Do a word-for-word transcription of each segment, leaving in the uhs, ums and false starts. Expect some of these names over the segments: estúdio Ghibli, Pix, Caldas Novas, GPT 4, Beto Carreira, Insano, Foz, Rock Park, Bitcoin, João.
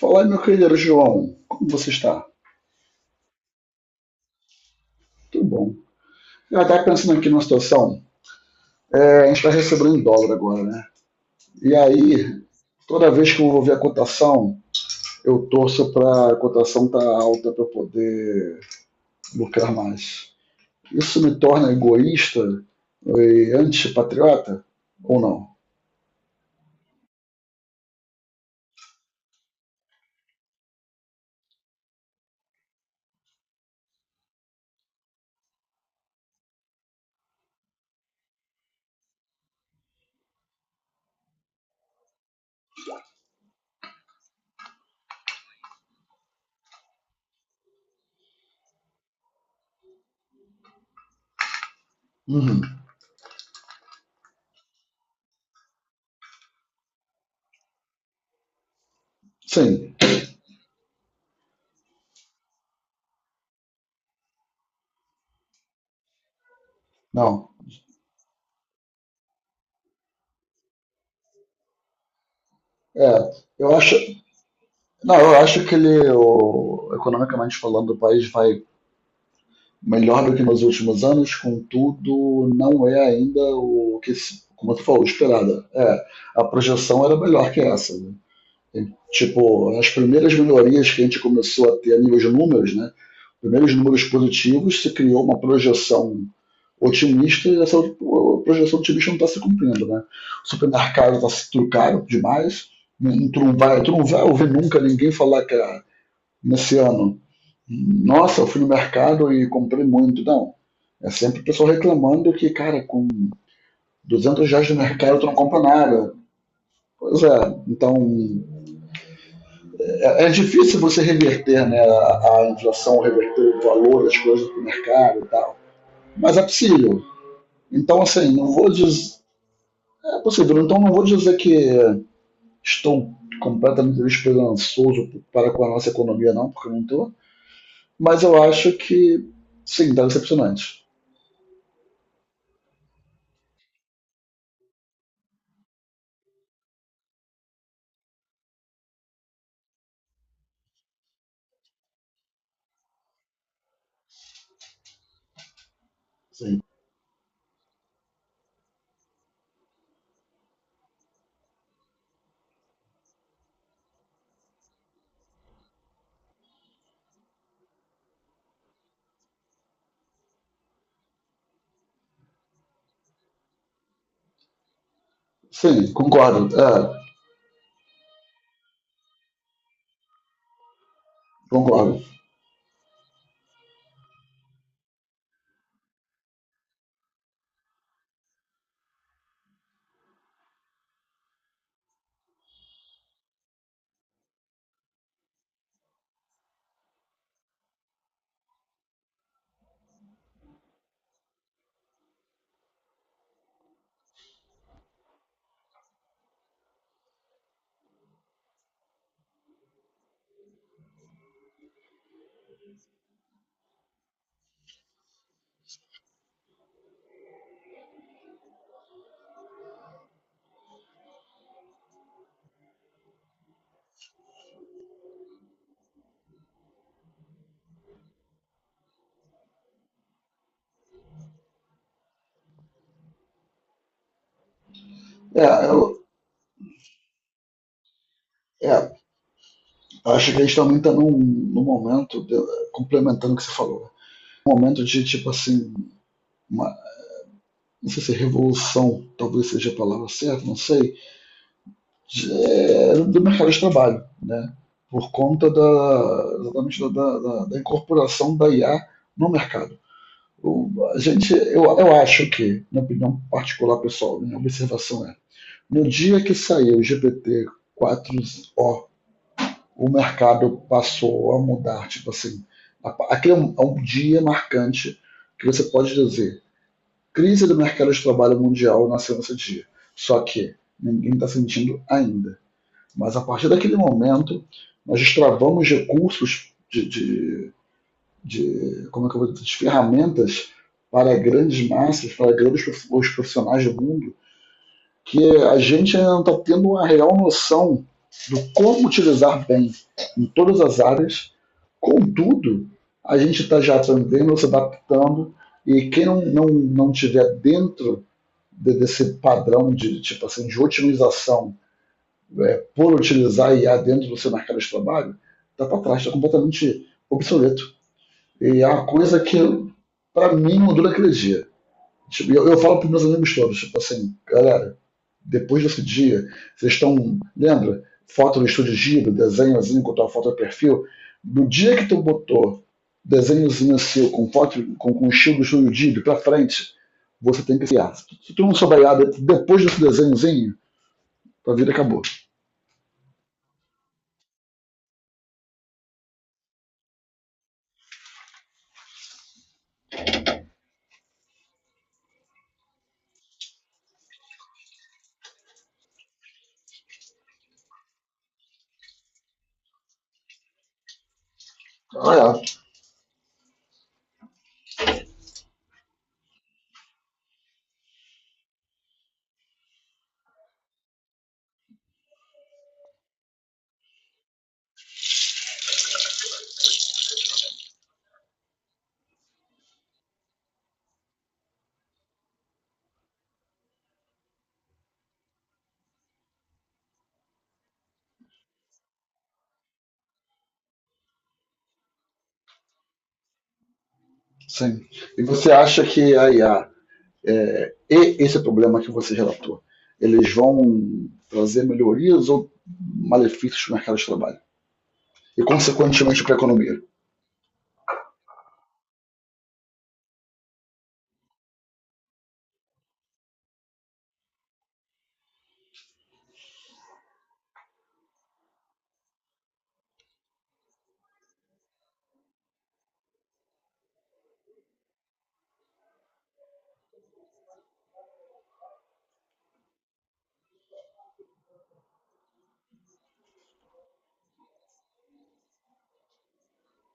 Fala aí, meu querido João, como você está? Tudo bom. Eu estava pensando aqui numa situação, é, a gente está recebendo em dólar agora, né? E aí, toda vez que eu vou ver a cotação, eu torço para a cotação estar alta para eu poder lucrar mais. Isso me torna egoísta e antipatriota ou não? Uhum. Sim, não. É, eu acho, não, eu acho que ele, o- economicamente falando, o país vai melhor do que nos últimos anos, contudo, não é ainda o que, se- como tu falou, esperada. É, a projeção era melhor que essa, né? E, tipo, as primeiras melhorias que a gente começou a ter a nível de números, né? Primeiros números positivos, se criou uma projeção otimista e essa o- projeção otimista não está se cumprindo, né? O supermercado está se tudo caro demais, não- tu não vai, tu não vai ouvir nunca ninguém falar que ah, nesse ano nossa, eu fui no mercado e comprei muito. Não. É sempre o pessoal reclamando que, cara, com duzentos reais no mercado tu não compra nada. Pois é, então é, é difícil você reverter né, a, a inflação, reverter o valor das coisas para mercado e tal. Mas é possível. Então, assim, não vou dizer. É possível, então não vou dizer que estou completamente esperançoso para com a nossa economia, não, porque eu não estou. Mas eu acho que, sim, está decepcionante. Sim. Sim, concordo. É, concordo. É, eu é, acho que a gente também está num, num momento, de- complementando o que você falou, né? Um momento de tipo assim, uma, não sei se é revolução talvez seja a palavra certa, não sei, de- é, do mercado de trabalho, né? Por conta da, exatamente da, da- da- da incorporação da I A no mercado. O- a gente, eu, eu acho que, na opinião particular pessoal, minha observação é, no dia que saiu o G P T quatro, o mercado passou a mudar. Tipo assim, aquele é um, é um dia marcante que você pode dizer crise do mercado de trabalho mundial nasceu nesse dia. Só que ninguém está sentindo ainda. Mas a partir daquele momento, nós destravamos recursos de, de, de como é que eu vou dizer, de ferramentas para grandes massas, para grandes os profissionais do mundo, que a gente ainda não está tendo uma real noção do como utilizar bem em todas as áreas. Contudo, a gente está já aprendendo, se adaptando, e quem não, não, não tiver dentro de, desse padrão de tipo assim de otimização por utilizar I A dentro do seu mercado de trabalho, está para trás, está completamente obsoleto. E é uma coisa que, para mim, mudou naquele dia. Tipo, eu, eu falo para meus amigos todos, tipo assim, galera, depois desse dia, vocês estão, lembra? Foto no estúdio Ghibli, desenhozinho com tua foto de perfil. No dia que tu botou desenhozinho seu com foto com, com o estilo do estúdio Ghibli pra frente, você tem que criar. Se tu não souber nada depois desse desenhozinho, tua vida acabou. Ah, é. Sim. E você acha que a I A é, e esse problema que você relatou, eles vão trazer melhorias ou malefícios para o mercado de trabalho? E, consequentemente, para a economia?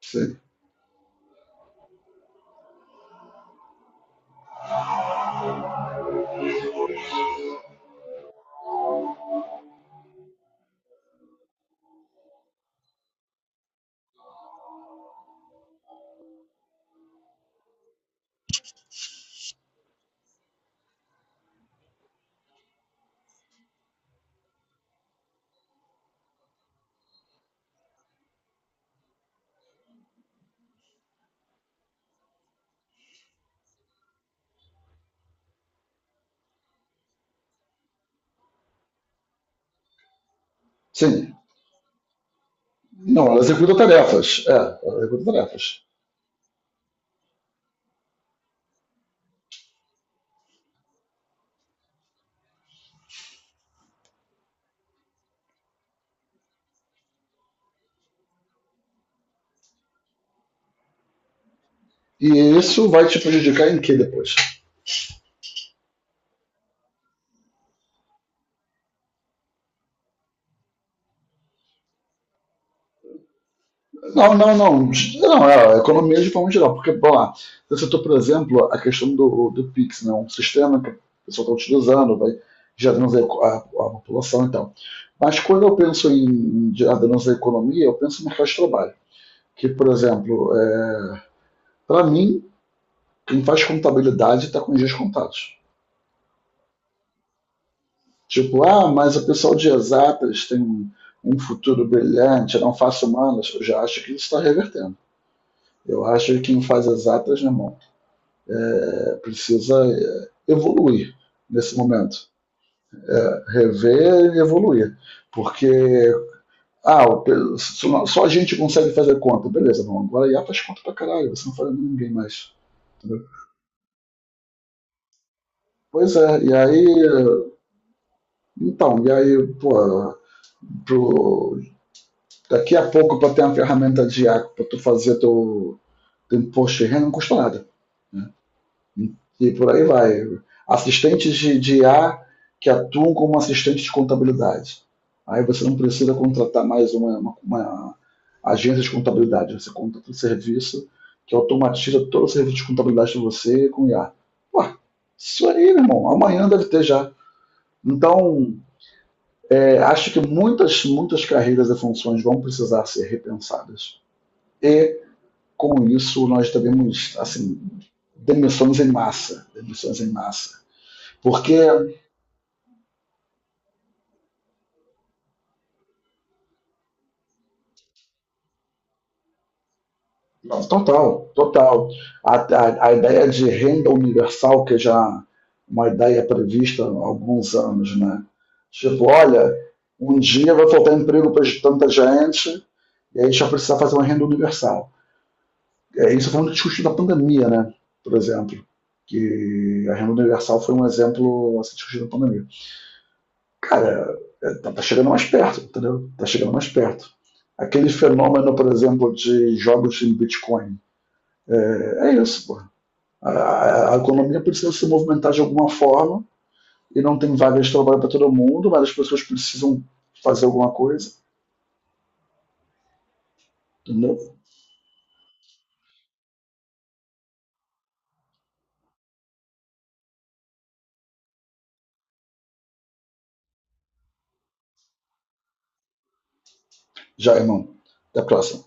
Sim. Sim, não, ela executa tarefas. É, ela executa tarefas. E isso vai te prejudicar em que depois? Não, não, não. Não, é a economia de forma geral. Porque, bom lá, você citou, por exemplo, a questão do, do Pix, né? Um sistema que a pessoa está utilizando, vai gerando a, a, a população e tal. Mas quando eu penso em gerando a economia, eu penso no mercado de trabalho. Que, por exemplo, é, para mim, quem faz contabilidade está com os dias contados. Tipo, ah, mas o pessoal de exatas tem um, um, futuro brilhante, eu não faço humanas. Eu já acho que isso está revertendo. Eu acho que quem faz exatas, meu irmão, é, precisa é, evoluir nesse momento. É, rever e evoluir. Porque, ah, o, só só a gente consegue fazer conta. Beleza, não, agora a I A faz conta pra caralho, você não faz ninguém mais. Entendeu? Pois é, e aí, então, e aí, pô, pro, daqui a pouco, para ter uma ferramenta de água para tu fazer teu, teu imposto de renda, não custa nada. E por aí vai. Assistentes de, de I A que atuam como assistente de contabilidade. Aí você não precisa contratar mais uma, uma, uma agência de contabilidade. Você contrata um serviço que automatiza todo o serviço de contabilidade de você com I A. Ué, isso aí, meu irmão, amanhã deve ter já. Então, é, acho que muitas, muitas carreiras e funções vão precisar ser repensadas. E com isso, nós devemos, assim, demissões em massa, demissões em massa. Porque, total, total. A, a, a, ideia de renda universal, que já uma ideia prevista há alguns anos, né? Tipo, olha, um dia vai faltar emprego para tanta gente e aí a gente vai precisar fazer uma renda universal. É isso foi um discutido da pandemia, né? Por exemplo, que a renda universal foi um exemplo a ser discutido na pandemia. Cara, é, tá tá chegando mais perto, entendeu? Tá chegando mais perto. Aquele fenômeno, por exemplo, de jogos em Bitcoin, é, é isso, pô. A, a, economia precisa se movimentar de alguma forma e não tem vagas de trabalho para todo mundo, mas as pessoas precisam fazer alguma coisa, entendeu? Já, irmão. Até a próxima.